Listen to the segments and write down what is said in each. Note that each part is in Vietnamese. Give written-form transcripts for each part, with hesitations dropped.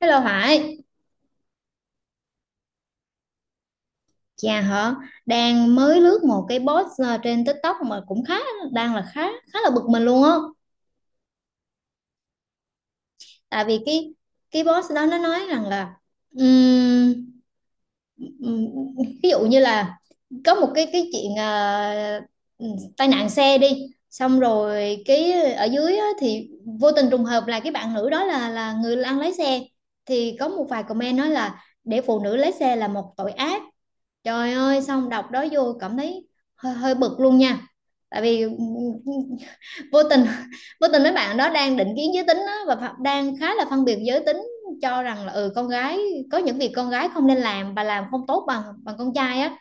Hello Hải, chà hả, đang mới lướt một cái post trên TikTok mà cũng khá đang là khá khá là bực mình luôn á. Tại vì cái post đó nó nói rằng là ừm, ừm, ví dụ như là có một cái chuyện ừm, tai nạn xe đi, xong rồi cái ở dưới á, thì vô tình trùng hợp là cái bạn nữ đó là người đang lái xe, thì có một vài comment nói là để phụ nữ lái xe là một tội ác. Trời ơi, xong đọc đó vô cảm thấy hơi bực luôn nha. Tại vì ừ, vô tình vô tình mấy bạn đó đang định kiến giới tính á, và đang khá là phân biệt giới tính, cho rằng là ừ con gái có những việc con gái không nên làm và làm không tốt bằng bằng con trai á.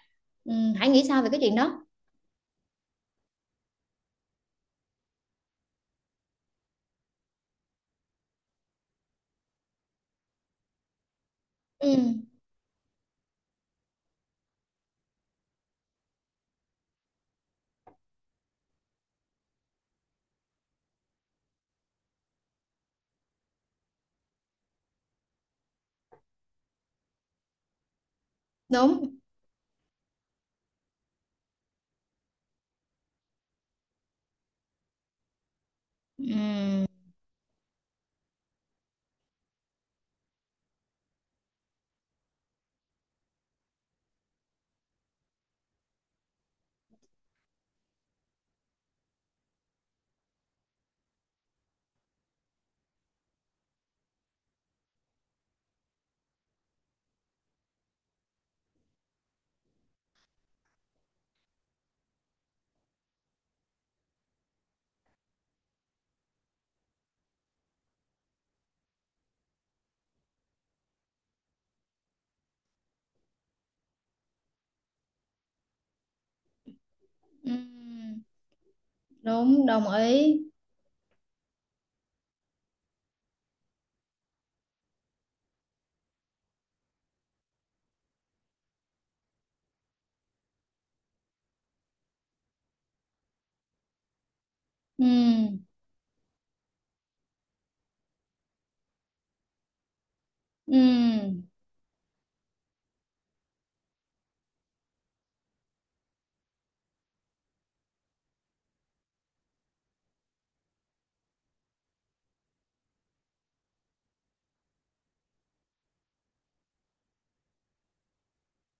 Ừ, hãy nghĩ sao về cái chuyện đó. Ừ, đúng. Ừ, ừ, đúng, đồng ý. Ừ, ừ,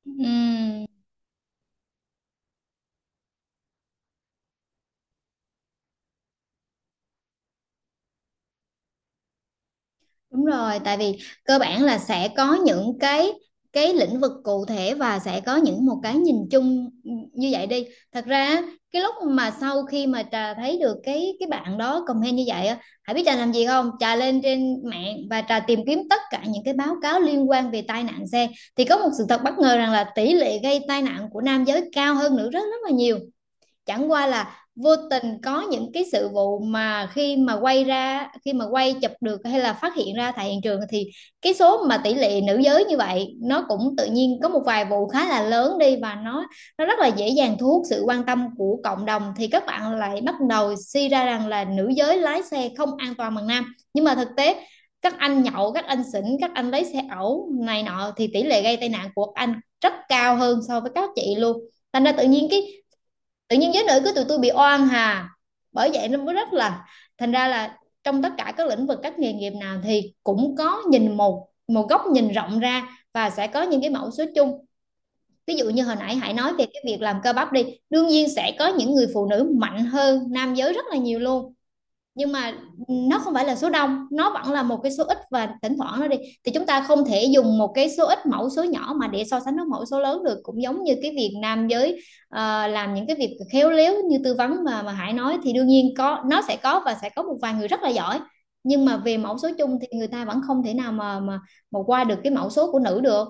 ừ. Đúng rồi, tại vì cơ bản là sẽ có những cái lĩnh vực cụ thể và sẽ có những một cái nhìn chung như vậy đi. Thật ra á, cái lúc mà sau khi mà trà thấy được cái bạn đó comment như vậy á, hãy biết trà làm gì không? Trà lên trên mạng và trà tìm kiếm tất cả những cái báo cáo liên quan về tai nạn xe, thì có một sự thật bất ngờ rằng là tỷ lệ gây tai nạn của nam giới cao hơn nữ rất rất là nhiều. Chẳng qua là vô tình có những cái sự vụ mà khi mà quay ra khi mà quay chụp được hay là phát hiện ra tại hiện trường, thì cái số mà tỷ lệ nữ giới như vậy nó cũng tự nhiên có một vài vụ khá là lớn đi và nó rất là dễ dàng thu hút sự quan tâm của cộng đồng, thì các bạn lại bắt đầu suy ra rằng là nữ giới lái xe không an toàn bằng nam. Nhưng mà thực tế các anh nhậu các anh xỉn các anh lấy xe ẩu này nọ thì tỷ lệ gây tai nạn của các anh rất cao hơn so với các chị luôn. Thành ra tự nhiên cái tự nhiên giới nữ của tụi tôi bị oan hà, bởi vậy nó mới rất là thành ra là trong tất cả các lĩnh vực các nghề nghiệp nào thì cũng có nhìn một một góc nhìn rộng ra, và sẽ có những cái mẫu số chung. Ví dụ như hồi nãy hãy nói về cái việc làm cơ bắp đi, đương nhiên sẽ có những người phụ nữ mạnh hơn nam giới rất là nhiều luôn, nhưng mà nó không phải là số đông, nó vẫn là một cái số ít và thỉnh thoảng nó đi, thì chúng ta không thể dùng một cái số ít mẫu số nhỏ mà để so sánh với mẫu số lớn được, cũng giống như cái việc nam giới làm những cái việc khéo léo như tư vấn mà Hải nói, thì đương nhiên có nó sẽ có và sẽ có một vài người rất là giỏi, nhưng mà về mẫu số chung thì người ta vẫn không thể nào mà qua được cái mẫu số của nữ được.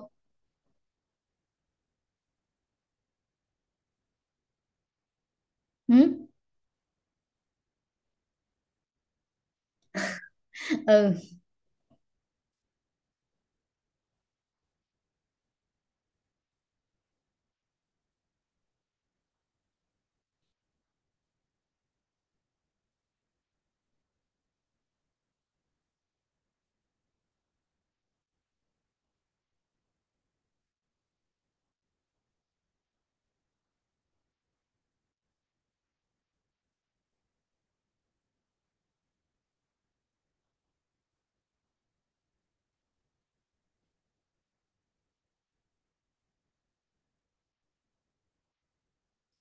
Ừ. Ừ.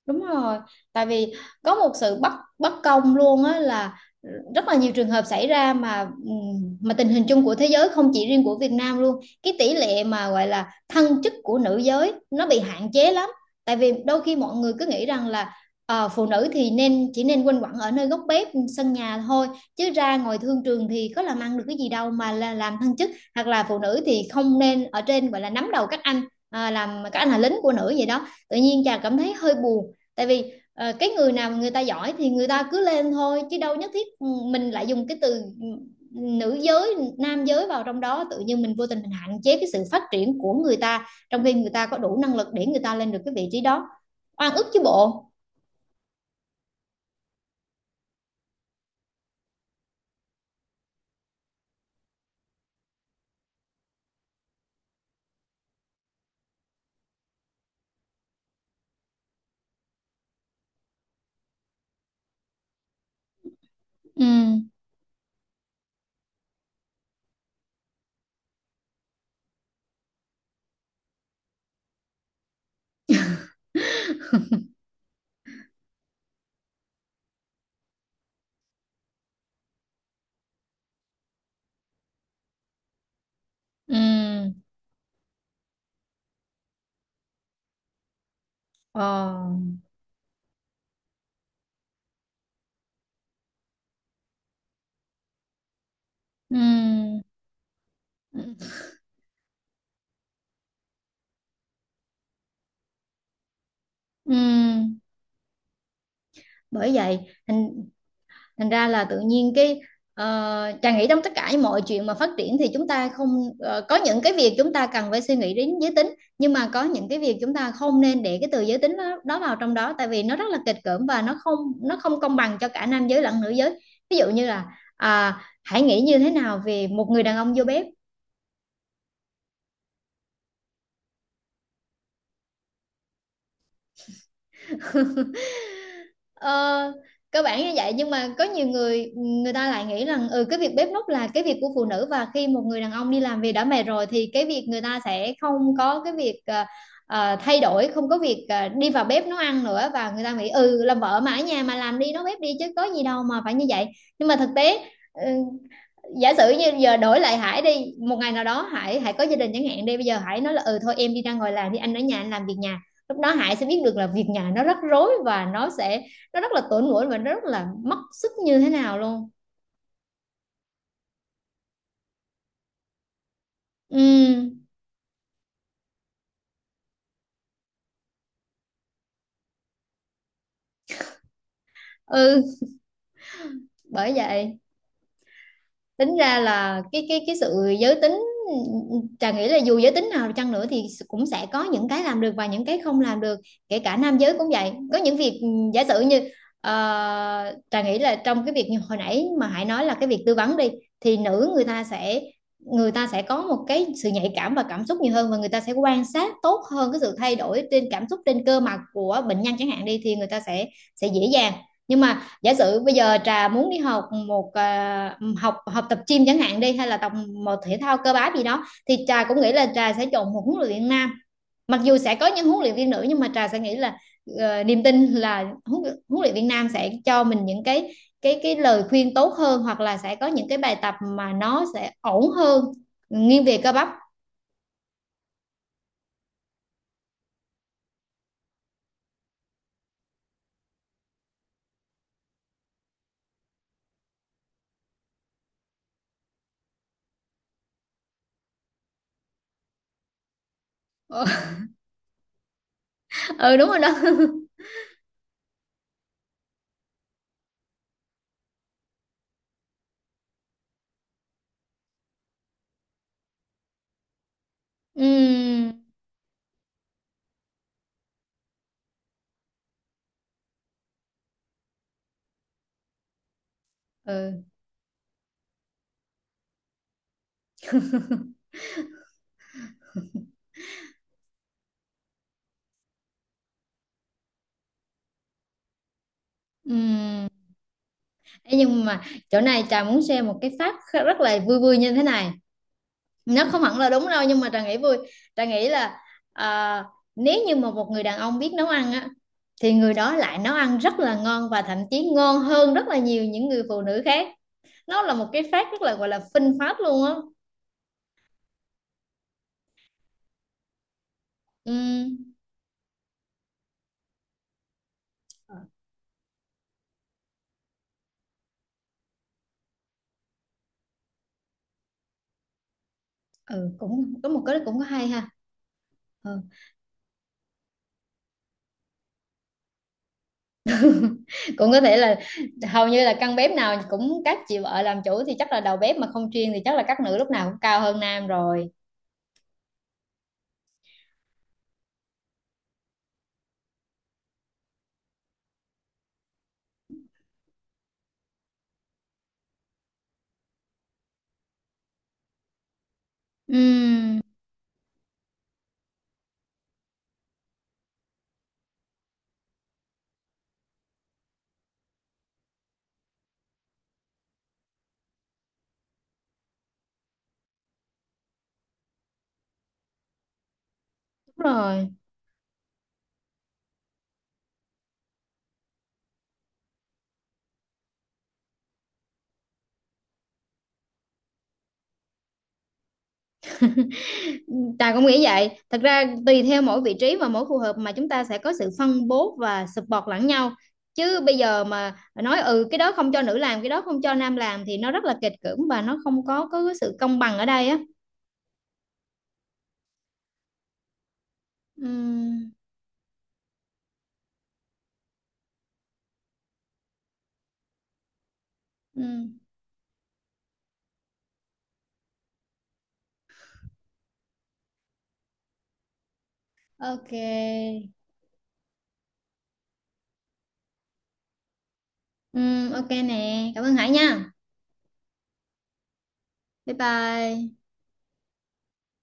Đúng rồi, tại vì có một sự bất bất công luôn á, là rất là nhiều trường hợp xảy ra mà tình hình chung của thế giới không chỉ riêng của Việt Nam luôn. Cái tỷ lệ mà gọi là thăng chức của nữ giới nó bị hạn chế lắm. Tại vì đôi khi mọi người cứ nghĩ rằng là phụ nữ thì nên chỉ nên quanh quẩn ở nơi góc bếp sân nhà thôi, chứ ra ngoài thương trường thì có làm ăn được cái gì đâu mà là làm thăng chức, hoặc là phụ nữ thì không nên ở trên gọi là nắm đầu các anh, à, làm các anh là lính của nữ vậy đó, tự nhiên chàng cảm thấy hơi buồn. Tại vì cái người nào mà người ta giỏi thì người ta cứ lên thôi chứ đâu nhất thiết mình lại dùng cái từ ừ, nữ giới nam giới vào trong đó, tự nhiên mình vô tình mình hạn chế cái sự phát triển của người ta trong khi người ta có đủ năng lực để người ta lên được cái vị trí đó. Oan ức chứ bộ. Ừ, ừ, ờ, ừ, ừ. Bởi vậy thành ra là tự nhiên cái Trà nghĩ trong tất cả mọi chuyện mà phát triển thì chúng ta không có những cái việc chúng ta cần phải suy nghĩ đến giới tính, nhưng mà có những cái việc chúng ta không nên để cái từ giới tính đó vào trong đó, tại vì nó rất là kịch cưỡng và nó không công bằng cho cả nam giới lẫn nữ giới. Ví dụ như là à, hãy nghĩ như thế nào về một người đàn ông vô bếp. Ờ, cơ bản như vậy, nhưng mà có nhiều người người ta lại nghĩ rằng ừ cái việc bếp núc là cái việc của phụ nữ, và khi một người đàn ông đi làm về đã mệt rồi thì cái việc người ta sẽ không có cái việc thay đổi, không có việc đi vào bếp nấu ăn nữa, và người ta nghĩ ừ làm vợ mà ở nhà mà làm đi nấu bếp đi chứ có gì đâu mà phải như vậy. Nhưng mà thực tế ừ, giả sử như giờ đổi lại Hải đi, một ngày nào đó Hải Hải có gia đình chẳng hạn đi, bây giờ Hải nói là ừ thôi em đi ra ngoài làm đi anh ở nhà anh làm việc nhà, lúc đó Hải sẽ biết được là việc nhà nó rắc rối và nó sẽ nó rất là tổn mũi và nó rất là mất sức như thế nào luôn. Ừ. Ừ. Bởi vậy tính ra là cái sự giới tính, Trà nghĩ là dù giới tính nào chăng nữa thì cũng sẽ có những cái làm được và những cái không làm được. Kể cả nam giới cũng vậy, có những việc giả sử như Trà nghĩ là trong cái việc như hồi nãy mà Hải nói là cái việc tư vấn đi, thì nữ người ta sẽ có một cái sự nhạy cảm và cảm xúc nhiều hơn, và người ta sẽ quan sát tốt hơn cái sự thay đổi trên cảm xúc trên cơ mặt của bệnh nhân chẳng hạn đi, thì người ta sẽ dễ dàng. Nhưng mà giả sử bây giờ Trà muốn đi học một à, học học tập gym chẳng hạn đi hay là tập một thể thao cơ bắp gì đó, thì Trà cũng nghĩ là Trà sẽ chọn một huấn luyện viên nam. Mặc dù sẽ có những huấn luyện viên nữ, nhưng mà Trà sẽ nghĩ là niềm tin là huấn luyện viên nam sẽ cho mình những cái cái lời khuyên tốt hơn, hoặc là sẽ có những cái bài tập mà nó sẽ ổn hơn nghiêng về cơ bắp. Ừ, ừ đúng rồi đó. Ừm, ừ, ừm. Thế nhưng mà chỗ này Trà muốn share một cái phát rất là vui vui như thế này, nó không hẳn là đúng đâu nhưng mà Trà nghĩ vui. Trà nghĩ là à, nếu như mà một người đàn ông biết nấu ăn á, thì người đó lại nấu ăn rất là ngon và thậm chí ngon hơn rất là nhiều những người phụ nữ khác. Nó là một cái fact rất là gọi là phinh phát luôn á. Ừm. Ừ cũng có một cái cũng có hay ha. Ừ. Cũng có thể là hầu như là căn bếp nào cũng các chị vợ làm chủ, thì chắc là đầu bếp mà không chuyên thì chắc là các nữ lúc nào cũng cao hơn nam rồi. Ừm, đúng rồi. Tài cũng nghĩ vậy. Thật ra tùy theo mỗi vị trí và mỗi khu hợp mà chúng ta sẽ có sự phân bố và support lẫn nhau. Chứ bây giờ mà nói ừ cái đó không cho nữ làm, cái đó không cho nam làm thì nó rất là kịch cưỡng và nó không có cái sự công bằng ở đây á. Ừm, ừm, ok. Ok nè. Cảm ơn Hải nha. Bye bye.